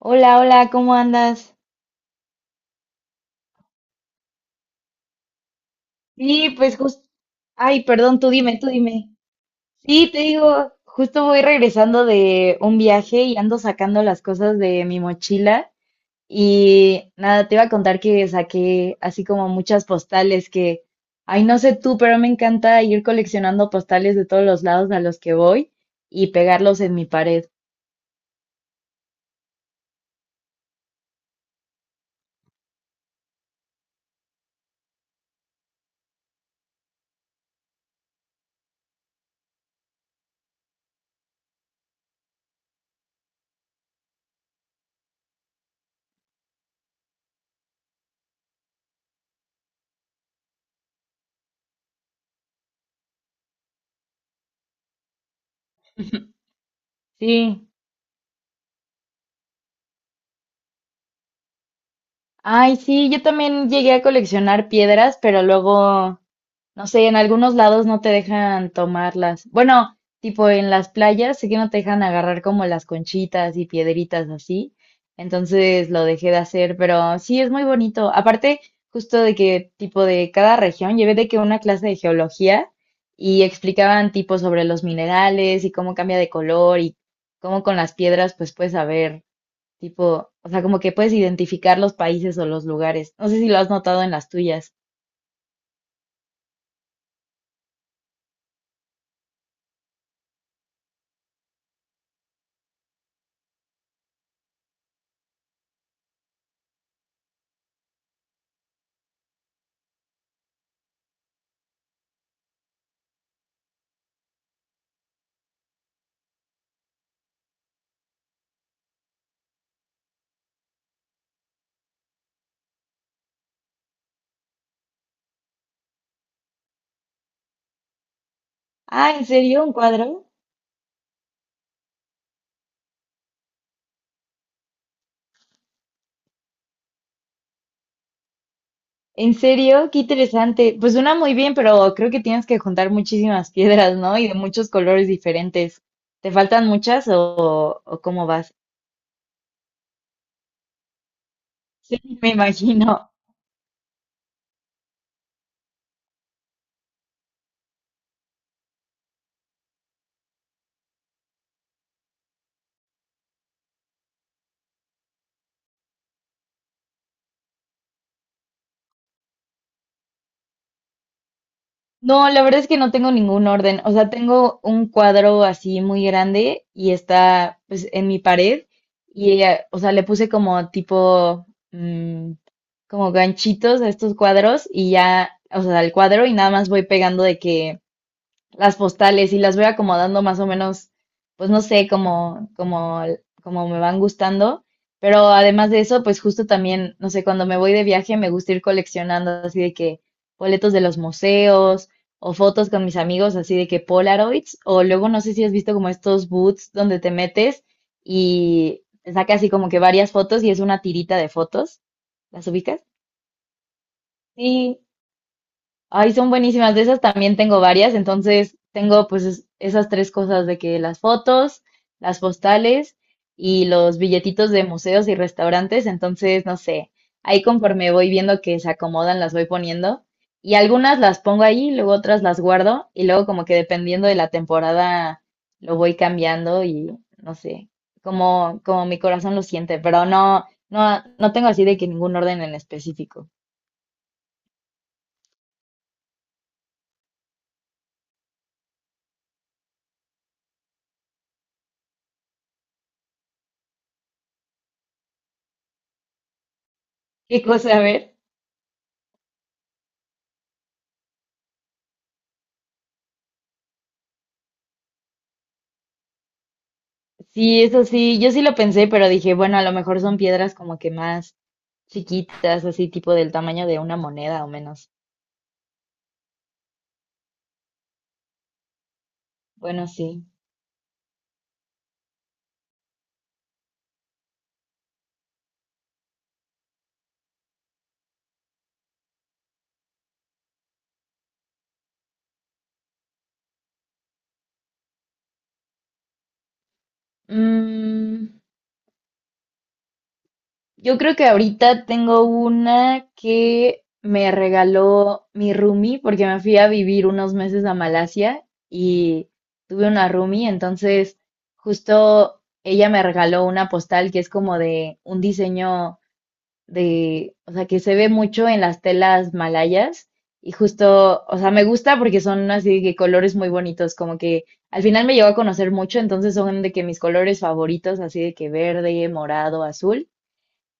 Hola, hola, ¿cómo andas? Sí, pues justo. Ay, perdón, tú dime, tú dime. Sí, te digo, justo voy regresando de un viaje y ando sacando las cosas de mi mochila. Y nada, te iba a contar que saqué así como muchas postales que, ay, no sé tú, pero me encanta ir coleccionando postales de todos los lados a los que voy y pegarlos en mi pared. Sí. Ay, sí, yo también llegué a coleccionar piedras, pero luego. No sé, en algunos lados no te dejan tomarlas. Bueno, tipo en las playas, sé que no te dejan agarrar como las conchitas y piedritas así. Entonces lo dejé de hacer, pero sí es muy bonito. Aparte, justo de que tipo de cada región, llevé de que una clase de geología y explicaban tipo sobre los minerales y cómo cambia de color y cómo con las piedras pues puedes saber, tipo, o sea, como que puedes identificar los países o los lugares. No sé si lo has notado en las tuyas. Ah, ¿en serio? ¿Un cuadro? ¿En serio? Qué interesante. Pues suena muy bien, pero creo que tienes que juntar muchísimas piedras, ¿no? Y de muchos colores diferentes. ¿Te faltan muchas o cómo vas? Sí, me imagino. No, la verdad es que no tengo ningún orden. O sea, tengo un cuadro así muy grande y está pues en mi pared y, o sea, le puse como tipo, mm, como ganchitos a estos cuadros y ya, o sea, al cuadro y nada más voy pegando de que las postales y las voy acomodando más o menos, pues no sé, como me van gustando. Pero además de eso, pues justo también, no sé, cuando me voy de viaje me gusta ir coleccionando así de que boletos de los museos o fotos con mis amigos así de que Polaroids o luego no sé si has visto como estos boots donde te metes y te saca así como que varias fotos y es una tirita de fotos. ¿Las ubicas? Sí, ay, son buenísimas. De esas también tengo varias. Entonces, tengo pues esas tres cosas de que las fotos, las postales y los billetitos de museos y restaurantes. Entonces, no sé, ahí conforme voy viendo que se acomodan, las voy poniendo. Y algunas las pongo ahí, luego otras las guardo y luego como que dependiendo de la temporada lo voy cambiando y no sé, como mi corazón lo siente, pero no tengo así de que ningún orden en específico. ¿Qué cosa, a ver? Sí, eso sí, yo sí lo pensé, pero dije, bueno, a lo mejor son piedras como que más chiquitas, así tipo del tamaño de una moneda o menos. Bueno, sí. Mm, yo creo que ahorita tengo una que me regaló mi roomie porque me fui a vivir unos meses a Malasia y tuve una roomie, entonces justo ella me regaló una postal que es como de un diseño de, o sea, que se ve mucho en las telas malayas y justo, o sea, me gusta porque son así de que colores muy bonitos, como que al final me llegó a conocer mucho, entonces son de que mis colores favoritos, así de que verde, morado, azul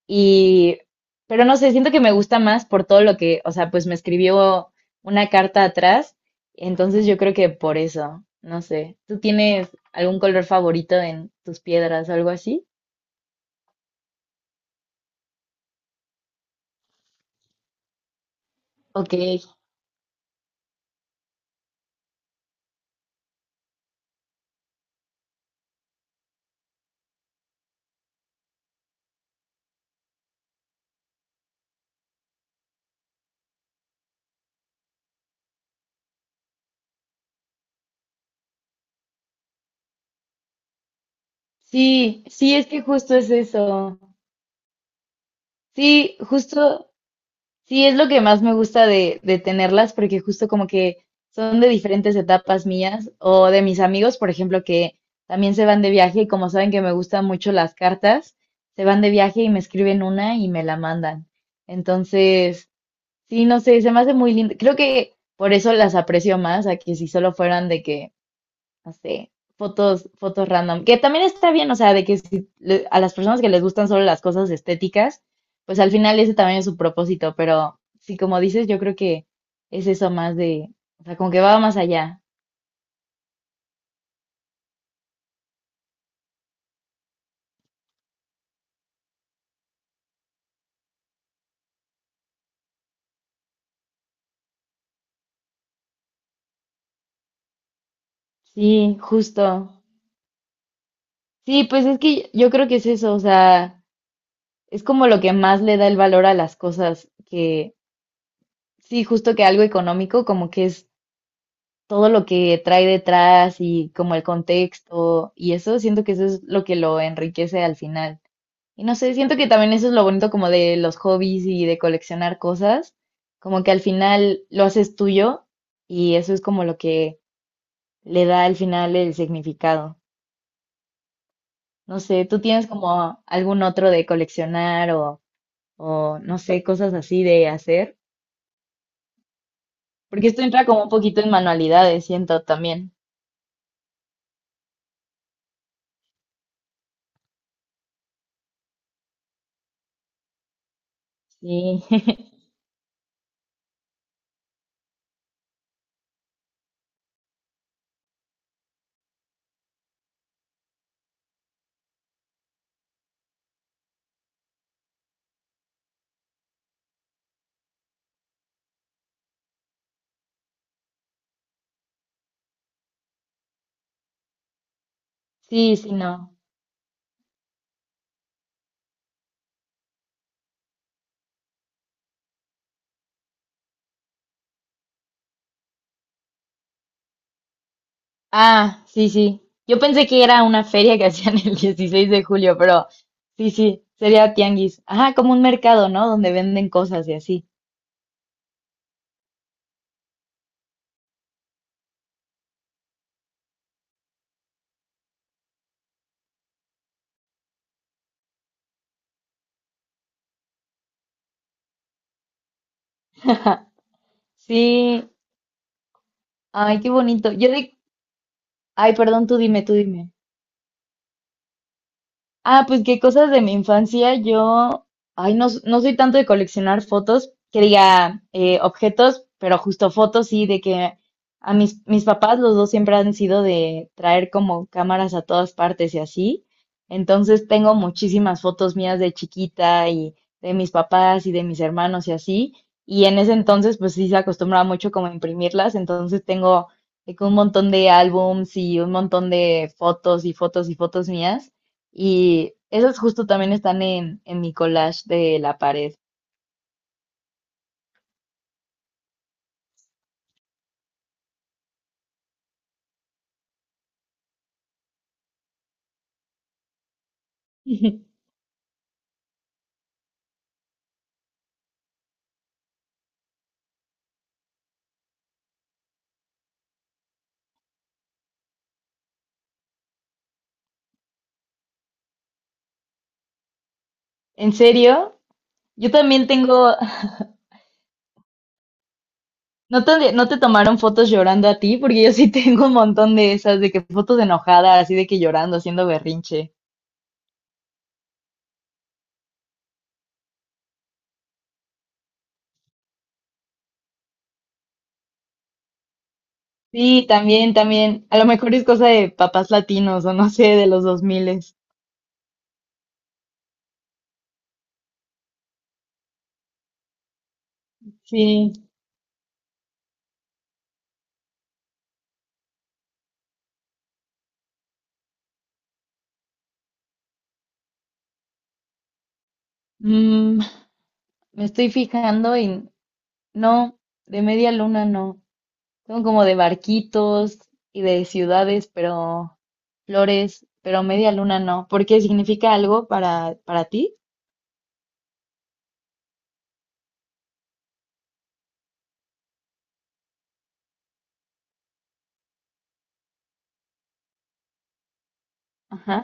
y, pero no sé, siento que me gusta más por todo lo que, o sea, pues me escribió una carta atrás, entonces yo creo que por eso, no sé, ¿tú tienes algún color favorito en tus piedras o algo así? Ok, sí, sí, es que justo es eso. Sí, justo, sí es lo que más me gusta de tenerlas, porque justo como que son de diferentes etapas mías o de mis amigos, por ejemplo, que también se van de viaje y como saben que me gustan mucho las cartas, se van de viaje y me escriben una y me la mandan. Entonces, sí, no sé, se me hace muy lindo. Creo que por eso las aprecio más a que si solo fueran de que no sé, fotos, fotos random, que también está bien, o sea, de que si a las personas que les gustan solo las cosas estéticas, pues al final ese también es su propósito, pero sí, como dices, yo creo que es eso más de, o sea, como que va más allá. Sí, justo. Sí, pues es que yo creo que es eso, o sea, es como lo que más le da el valor a las cosas, que sí, justo que algo económico, como que es todo lo que trae detrás y como el contexto y eso, siento que eso es lo que lo enriquece al final. Y no sé, siento que también eso es lo bonito como de los hobbies y de coleccionar cosas, como que al final lo haces tuyo y eso es como lo que le da al final el significado. No sé, ¿tú tienes como algún otro de coleccionar o no sé, cosas así de hacer? Porque esto entra como un poquito en manualidades, siento también. Sí, sí, sí, no. Ah, sí, sí. Yo pensé que era una feria que hacían el 16 de julio, pero sí, sí, sería tianguis. Ajá, como un mercado, ¿no? Donde venden cosas y así. Sí, ay, qué bonito. Yo de... Ay, perdón, tú dime, tú dime. Ah, pues qué cosas de mi infancia. Yo, ay, no, no soy tanto de coleccionar fotos, que diga objetos, pero justo fotos, sí, de que a mis papás los dos siempre han sido de traer como cámaras a todas partes y así. Entonces tengo muchísimas fotos mías de chiquita y de mis papás y de mis hermanos y así. Y en ese entonces, pues sí se acostumbraba mucho como a imprimirlas. Entonces tengo de que un montón de álbums y un montón de fotos mías. Y esos justo también están en mi collage de la pared. ¿En serio? Yo también tengo, no te tomaron fotos llorando a ti? Porque yo sí tengo un montón de esas, de que fotos enojadas, así de que llorando, haciendo berrinche. Sí, también, también. A lo mejor es cosa de papás latinos o no sé, de los dos miles. Sí. Mm, me estoy fijando y no, de media luna no. Son como de barquitos y de ciudades, pero flores, pero media luna no. Porque ¿significa algo para ti? Ajá,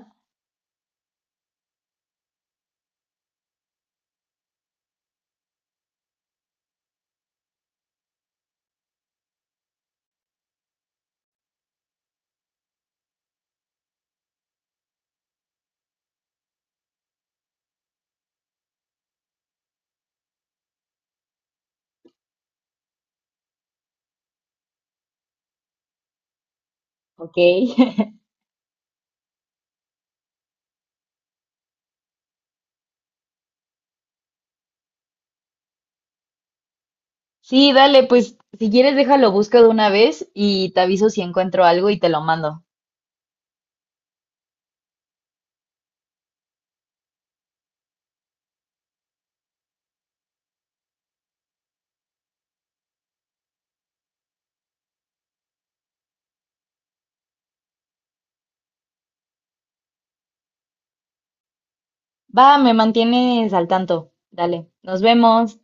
ok. Sí, dale, pues si quieres déjalo busco de una vez y te aviso si encuentro algo y te lo mando. Va, me mantienes al tanto. Dale, nos vemos.